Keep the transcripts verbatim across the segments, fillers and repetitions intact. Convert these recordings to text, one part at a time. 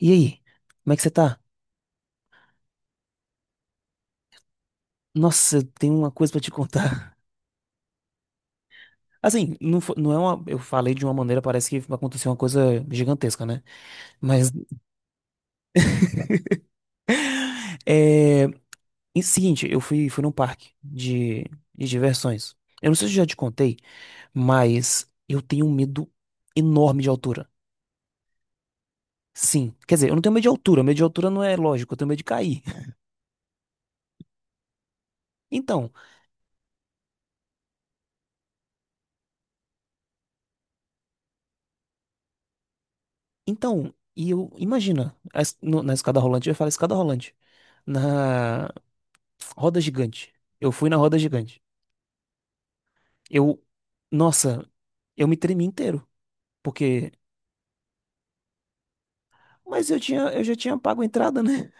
E aí, como é que você tá? Nossa, eu tenho uma coisa pra te contar. Assim, não, fo- não é uma. Eu falei de uma maneira, parece que aconteceu uma coisa gigantesca, né? Mas. É. E seguinte, eu fui, fui num parque de, de diversões. Eu não sei se eu já te contei, mas eu tenho um medo enorme de altura. Sim. Quer dizer, eu não tenho medo de altura. Medo de altura não é lógico, eu tenho medo de cair. Então, então, e eu. Imagina, a es- no- na escada rolante, eu ia falar escada rolante. Na, roda gigante. Eu fui na roda gigante. Eu, nossa, eu me tremi inteiro, porque, mas eu tinha, eu já tinha pago a entrada, né?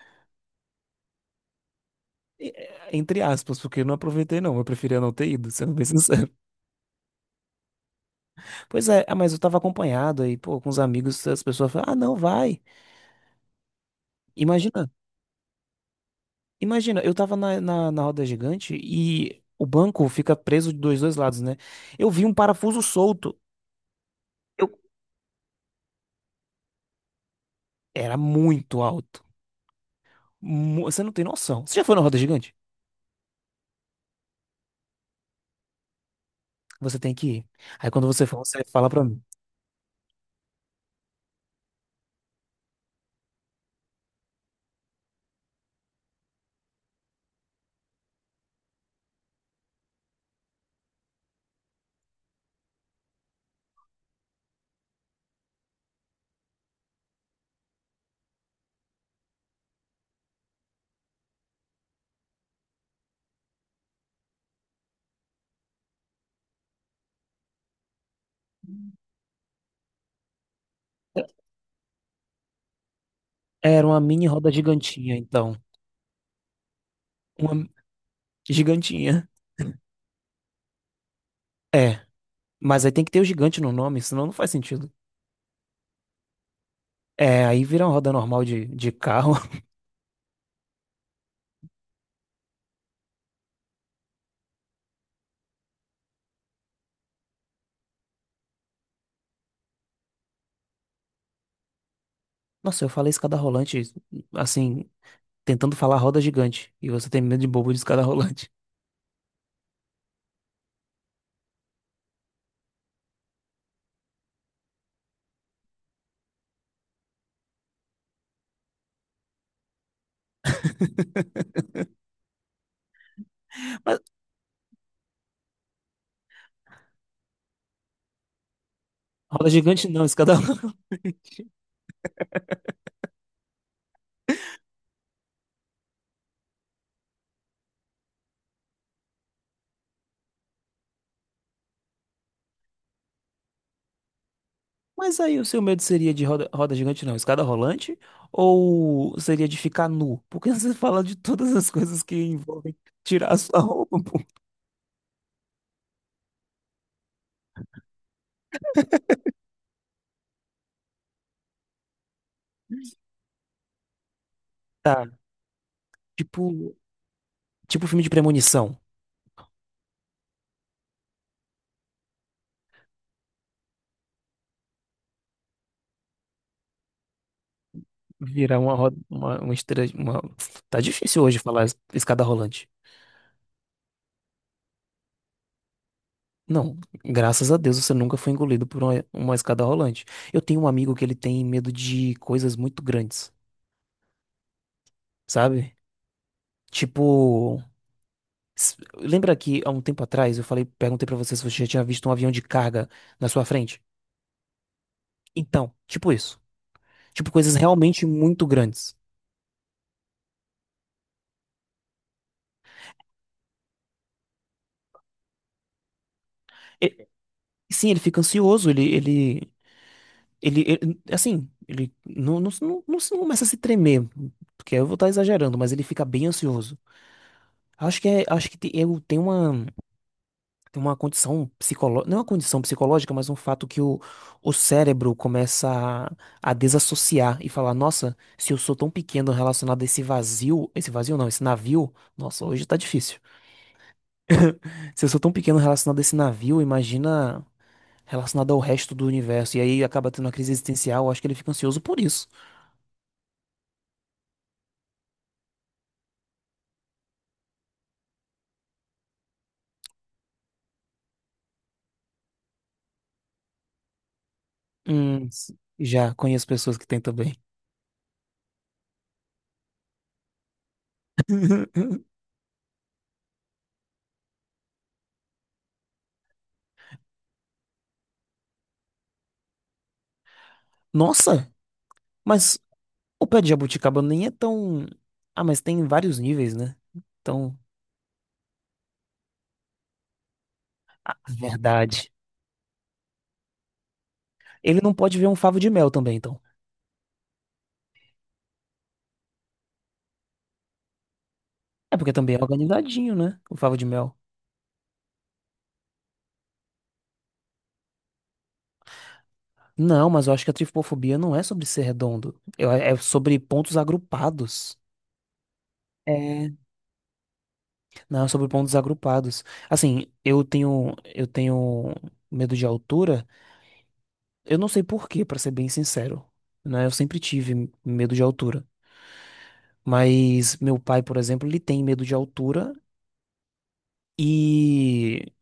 E- é, entre aspas, porque eu não aproveitei não, eu preferia não ter ido, sendo bem sincero. Pois é, ah, mas eu tava acompanhado aí, pô, com os amigos, as pessoas falaram, ah, não, vai. Imagina, imagina, eu tava na, na, na roda gigante e o banco fica preso de dois, dois lados, né? Eu vi um parafuso solto. Eu, era muito alto. Mu- Você não tem noção. Você já foi na roda gigante? Você tem que ir. Aí quando você for, você fala pra mim. Era uma mini roda gigantinha, então. Uma gigantinha. É, mas aí tem que ter o gigante no nome, senão não faz sentido. É, aí vira uma roda normal de, de carro. Nossa, eu falei escada rolante, assim, tentando falar roda gigante. E você tem medo de bobo de escada rolante. Mas roda gigante não, escada rolante. Mas aí o seu medo seria de roda, roda gigante, não, escada rolante? Ou seria de ficar nu? Porque você fala de todas as coisas que envolvem tirar a sua roupa, pô. Tá, tipo, tipo filme de premonição. Virar uma roda, uma, uma esteira, uma... Tá difícil hoje falar es- escada rolante. Não, graças a Deus você nunca foi engolido por uma, uma escada rolante. Eu tenho um amigo que ele tem medo de coisas muito grandes, sabe? Tipo, S- lembra que há um tempo atrás eu falei, perguntei pra você se você já tinha visto um avião de carga na sua frente? Então, tipo isso. Tipo coisas realmente muito grandes. E- sim, ele fica ansioso, ele, ele, ele, ele- assim, ele não, não, não, não se- não começa a se tremer, porque eu vou estar exagerando, mas ele fica bem ansioso. Acho que é, acho que tem, eu tenho uma. Tem uma condição psicológica, não é uma condição psicológica, mas um fato que o, o cérebro começa a, a desassociar e falar, nossa, se eu sou tão pequeno relacionado a esse vazio, esse vazio não, esse navio, nossa, hoje tá difícil. Se eu sou tão pequeno relacionado a esse navio, imagina relacionado ao resto do universo, e aí acaba tendo uma crise existencial, acho que ele fica ansioso por isso. Hum, já conheço pessoas que têm também. Nossa, mas o pé de jabuticaba nem é tão... Ah, mas tem vários níveis, né? Então, verdade. Ele não pode ver um favo de mel também, então. É porque também é organizadinho, né? O favo de mel. Não, mas eu acho que a tripofobia não é sobre ser redondo. Eu- É sobre pontos agrupados. É. Não, é sobre pontos agrupados. Assim, eu tenho, eu tenho medo de altura. Eu não sei por quê, pra ser bem sincero. Né? Eu sempre tive medo de altura. Mas meu pai, por exemplo, ele tem medo de altura. E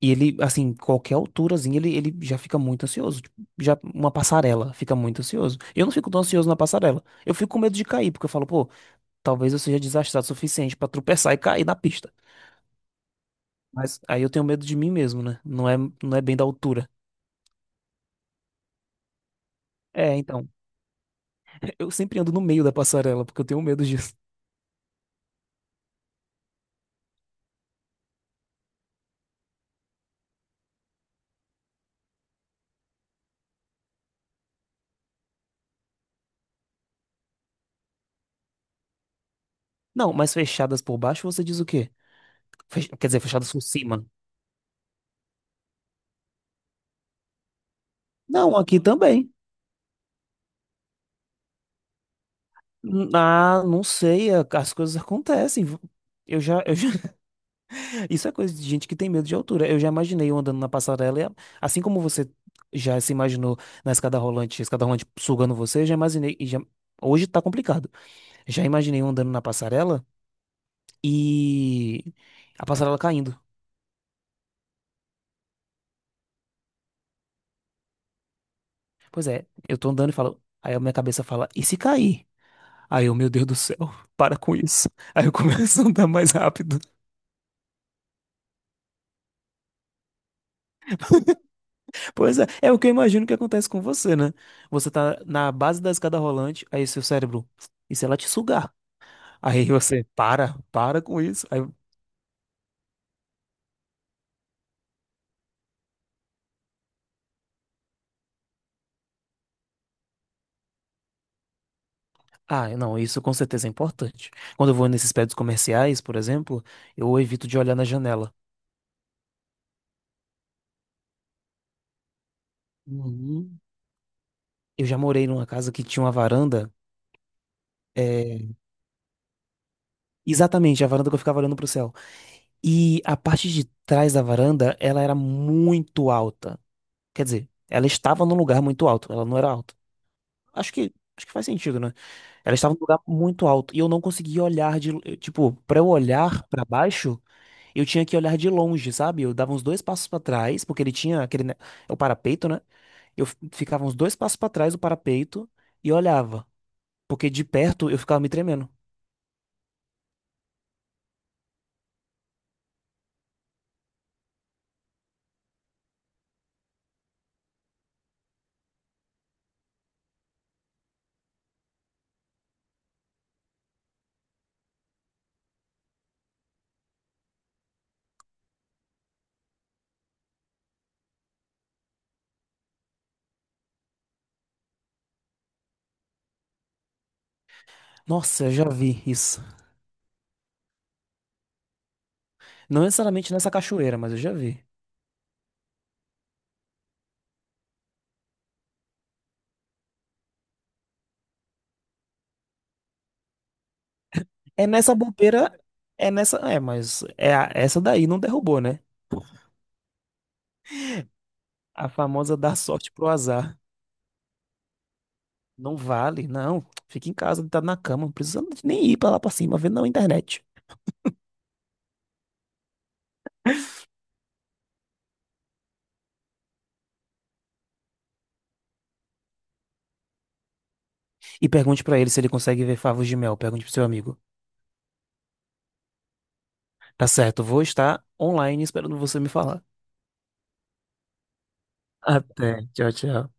E ele, assim, qualquer alturazinha, ele, ele já fica muito ansioso. Tipo, já uma passarela fica muito ansioso. Eu não fico tão ansioso na passarela. Eu fico com medo de cair, porque eu falo, pô, talvez eu seja desastrado o suficiente pra tropeçar e cair na pista. Mas aí eu tenho medo de mim mesmo, né? Não é, não é bem da altura. É, então, eu sempre ando no meio da passarela, porque eu tenho medo disso. Não, mas fechadas por baixo, você diz o quê? Fech- Quer dizer, fechadas por cima. Não, aqui também. N- Ah, não sei, a- as coisas acontecem. Eu já, eu já isso é coisa de gente que tem medo de altura. Eu já imaginei eu andando na passarela, e a- assim como você já se imaginou na escada rolante, escada rolante sugando você, eu já imaginei. e já- hoje tá complicado. Já imaginei eu andando na passarela e a passarela caindo. Pois é, eu tô andando e falo. Aí a minha cabeça fala, e se cair? Aí eu, meu Deus do céu, para com isso. Aí eu começo a andar mais rápido. Pois é, é o que eu imagino que acontece com você, né? Você tá na base da escada rolante, aí seu cérebro, e se ela te sugar? Aí você para, para com isso. Aí, ah, não, isso com certeza é importante. Quando eu vou nesses prédios comerciais, por exemplo, eu evito de olhar na janela. Uhum. Eu já morei numa casa que tinha uma varanda, é, exatamente, a varanda que eu ficava olhando pro céu. E a parte de trás da varanda, ela era muito alta. Quer dizer, ela estava num lugar muito alto, ela não era alta. Acho que, acho que faz sentido, né? Ela estava num lugar muito alto e eu não conseguia olhar de, tipo, para eu olhar para baixo, eu tinha que olhar de longe, sabe? Eu dava uns dois passos pra trás, porque ele tinha aquele, ne- o parapeito, né? Eu f- ficava uns dois passos pra trás do parapeito e olhava, porque de perto eu ficava me tremendo. Nossa, eu já vi isso. Não necessariamente nessa cachoeira, mas eu já vi. É nessa bobeira, é nessa, é, mas é a- essa daí não derrubou, né? A famosa dar sorte pro azar. Não vale, não. Fica em casa, deitado na cama. Não precisa nem ir pra lá pra cima, vê na internet. E pergunte pra ele se ele consegue ver favos de mel. Pergunte pro seu amigo. Tá certo, vou estar online esperando você me falar. Até, tchau, tchau.